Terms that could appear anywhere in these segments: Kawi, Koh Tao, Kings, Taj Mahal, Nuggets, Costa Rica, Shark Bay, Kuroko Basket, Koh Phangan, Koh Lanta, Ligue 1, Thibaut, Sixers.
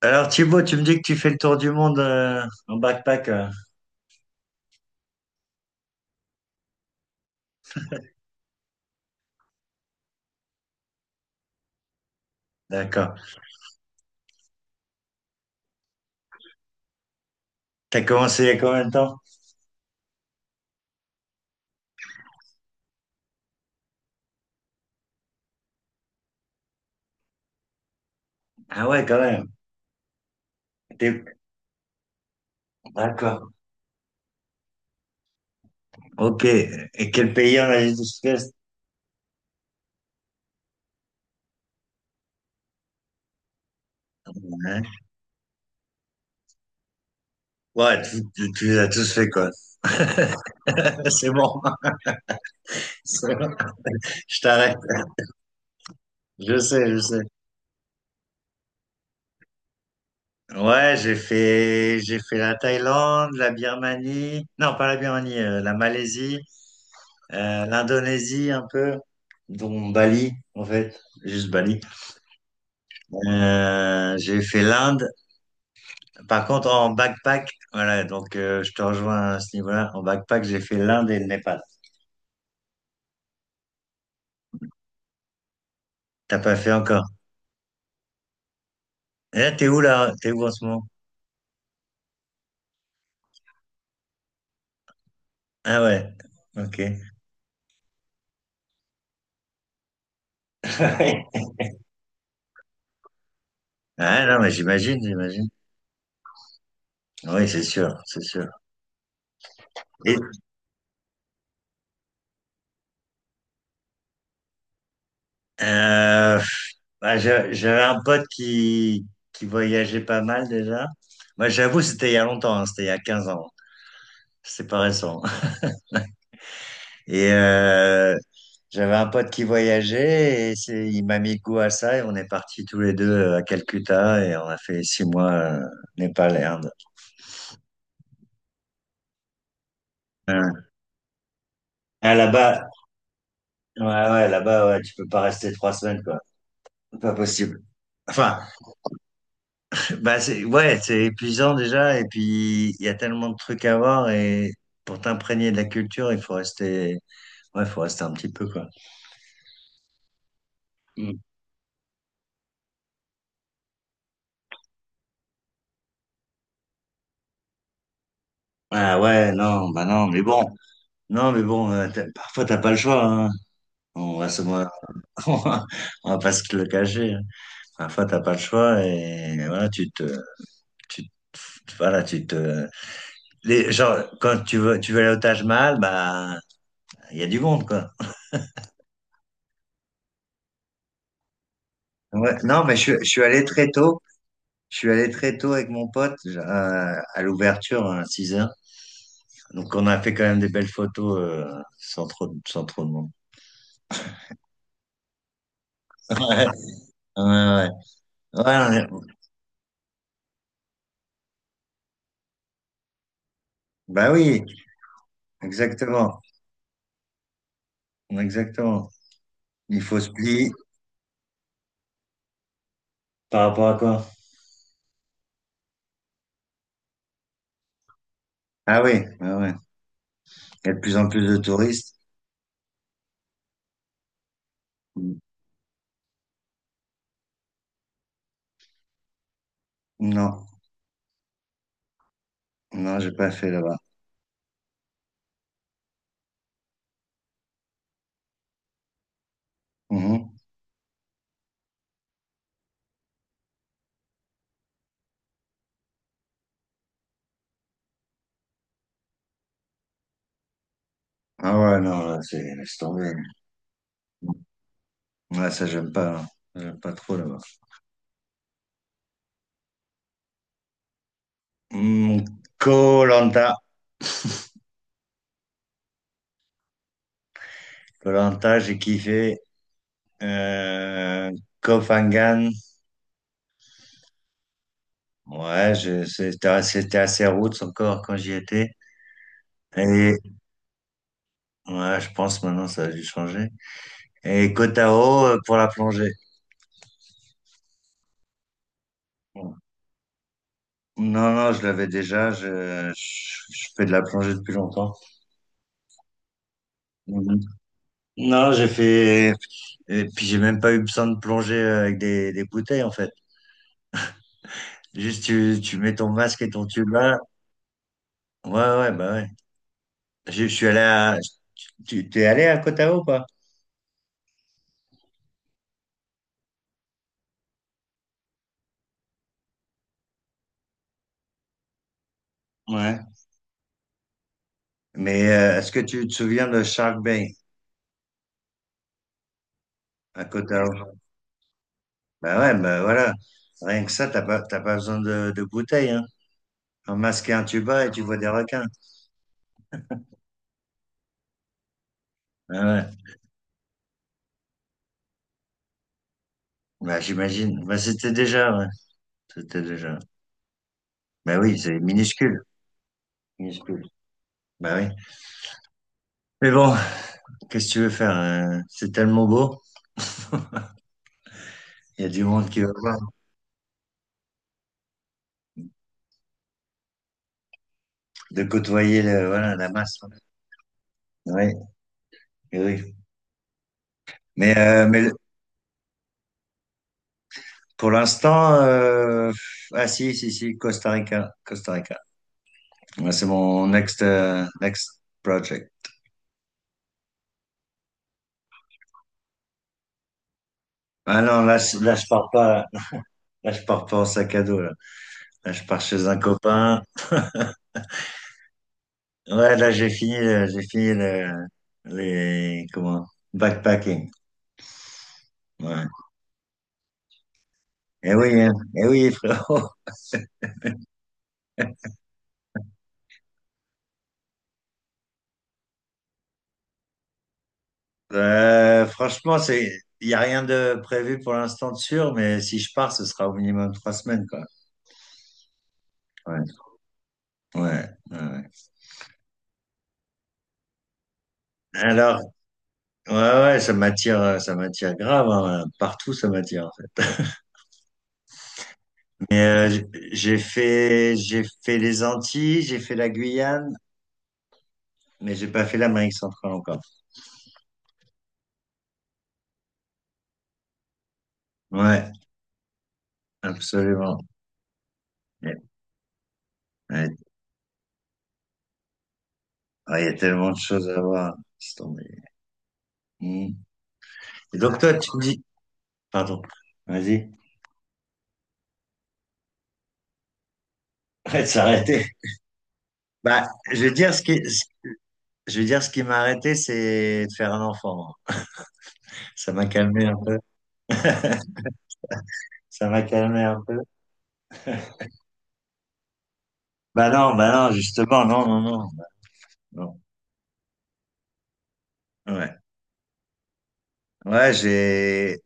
Alors Thibaut, tu me dis que tu fais le tour du monde en backpack. D'accord. T'as commencé il y a combien de temps? Ah ouais, quand même. T'es- D'accord. Ok. Et quel pays en Asie du Sud-Est? Ouais, ouais, tu les as tous fait quoi. C'est bon. C'est bon. Je t'arrête. Je sais, je sais. Ouais, j'ai fait la Thaïlande, la Birmanie, non pas la Birmanie, la Malaisie, l'Indonésie un peu, dont Bali en fait, juste Bali. J'ai fait l'Inde. Par contre, en backpack, voilà, donc je te rejoins à ce niveau-là. En backpack, j'ai fait l'Inde et le Népal. T'as pas fait encore. Et là? T'es où en ce moment? Ah ouais, ok. Ah non, mais j'imagine, j'imagine. Oui, c'est sûr, c'est sûr. Et, euh, bah, j'avais un pote qui voyageait pas mal déjà. Moi, j'avoue, c'était il y a longtemps, hein, c'était il y a 15 ans. C'est pas récent. Et j'avais un pote qui voyageait et il m'a mis goût à ça et on est partis tous les deux à Calcutta et on a fait 6 mois Népal et Inde. Ouais. Ah, là-bas, ouais, ouais, là-bas, ouais, tu peux pas rester 3 semaines, quoi. Pas possible. Enfin, bah c'est, ouais, c'est épuisant déjà et puis il y a tellement de trucs à voir et pour t'imprégner de la culture, il faut rester, ouais, faut rester un petit peu, quoi. Mm. Ah ouais, non, bah non, mais bon, non, mais bon, parfois t'as pas le choix, hein. On va se On va on va pas se le cacher, hein. Parfois, t'as pas le choix et voilà, voilà, genre, quand tu veux aller au Taj Mahal, bah, il y a du monde, quoi. Ouais, non, mais je suis allé très tôt. Je suis allé très tôt avec mon pote à l'ouverture hein, à 6 heures. Donc, on a fait quand même des belles photos sans trop de monde. Ouais, ouais, ouais. Ouais, bah oui, exactement. Exactement. Il faut se plier par rapport à quoi? Ah oui, ouais, ouais. Il y a de plus en plus de touristes. Non, non, j'ai pas fait là-bas. Mhm. Ah ouais, non, là, c'est laisse tomber. Ouais, ça, j'aime pas là. J'aime pas trop là-bas. Koh Lanta Koh Lanta, j'ai kiffé. Euh, Koh Phangan. Ouais, c'était assez roots encore quand j'y étais. Et ouais, je pense maintenant ça a dû changer. Et Koh Tao pour la plongée. Non, non, je l'avais déjà. Je fais de la plongée depuis longtemps. Mhm. Non, j'ai fait, et puis j'ai même pas eu besoin de plonger avec des bouteilles en fait. Juste tu mets ton masque et ton tuba. Ouais, ouais, bah ouais. Je suis allé à, tu t'es allé à Koh Tao ou pas? Ouais. Mais est-ce que tu te souviens de Shark Bay à Koh Tao? Bah ouais, bah voilà. Rien que ça, t'as pas besoin de bouteilles, hein. Un masque et un tuba et tu vois des requins. Ah ouais. Bah j'imagine. Bah c'était déjà, ouais. C'était déjà. Bah oui, c'est minuscule. Minuscule. Bah oui. Mais bon. Qu'est-ce que tu veux faire? C'est tellement beau. Il y a du monde qui va voir, de côtoyer voilà, la masse. Oui, oui. Mais pour l'instant, ah si, si, si, Costa Rica. Costa Rica. Ouais, c'est mon next project. Ah non, là, là, je pars pas. Là, je pars pas en sac à dos, là. Là, je pars chez un copain. Ouais, là, j'ai fini les, comment, backpacking. Ouais. Eh oui, hein. Eh oui, frérot. Franchement, il n'y a rien de prévu pour l'instant de sûr, mais si je pars, ce sera au minimum 3 semaines, quoi. Ouais, ouais, ouais. Ouais. Alors, ouais, ouais, ça m'attire grave, hein, partout, ça m'attire, en fait. Mais j'ai fait les Antilles, j'ai fait la Guyane, mais j'ai pas fait l'Amérique centrale encore. Ouais, absolument. Ouais, ouais. Ah, il y a tellement de choses à voir. Laisse tomber. Mm. Et donc toi, tu me dis, pardon, vas-y, arrête de s'arrêter. Bah, je veux dire, ce qui m'a arrêté, c'est de faire un enfant. Ça m'a calmé un peu. Ça m'a calmé un peu. Bah non, justement, non, non, non, bah non. Ouais, ouais, j'ai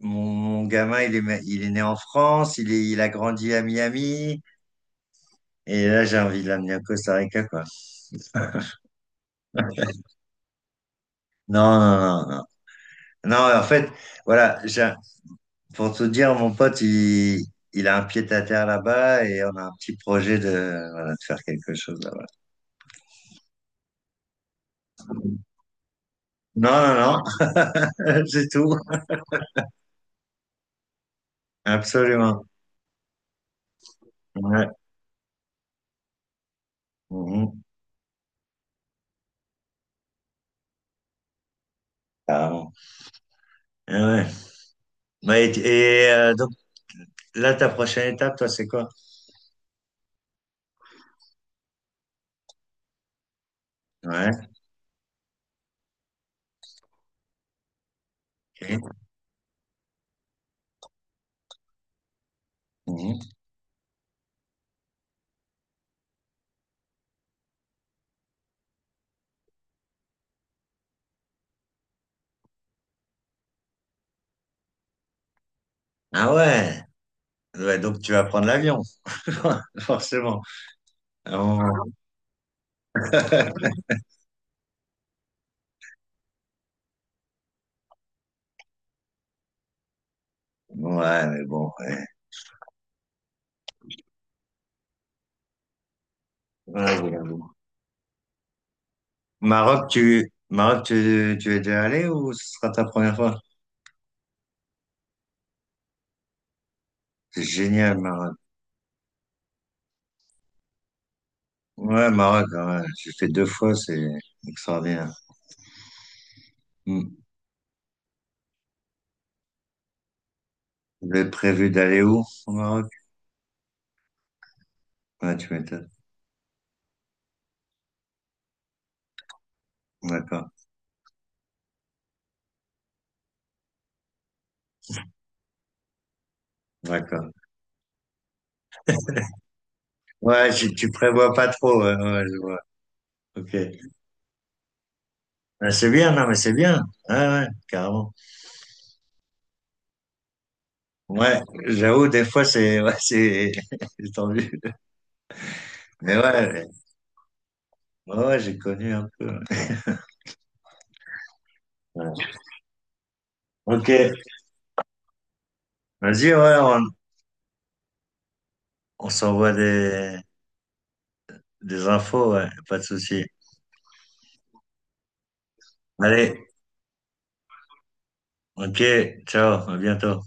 mon gamin, il est né en France, il a grandi à Miami, et là j'ai envie de l'amener au Costa Rica, quoi. Non, non, non, non. Non, en fait, voilà, pour tout dire, mon pote, il a un pied à terre là-bas, et on a un petit projet voilà, de faire quelque chose là-bas. Non, non, non, c'est tout. Absolument. Ouais. Mhm. Carrément. Eh ouais. Ouais, et, donc là, ta prochaine étape, toi, c'est quoi? Ouais. Ok. Mhm. Ah ouais. Ouais, donc tu vas prendre l'avion, forcément. Ah bon. Ouais, mais bon. Ouais. Ouais, j'avoue. Maroc, tu es déjà allé ou ce sera ta première fois? C'est génial, Maroc. Ouais, Maroc, ah ouais. J'ai fait deux fois, c'est extraordinaire. Hmm. Vous avez prévu d'aller où au Maroc? Ouais, tu m'étonnes. D'accord, d'accord. Ouais, tu prévois pas trop, ouais, ouais, je vois. Ok. Ben c'est bien, non, mais c'est bien. Ouais, ouais, carrément. Ouais, j'avoue, des fois, ouais, c'est tendu. Mais ouais, ouais, ouais, j'ai connu un peu. Ouais. Ouais. Ok. Vas-y, ouais, on s'envoie des infos, ouais, pas de souci. Allez, ok, ciao, à bientôt.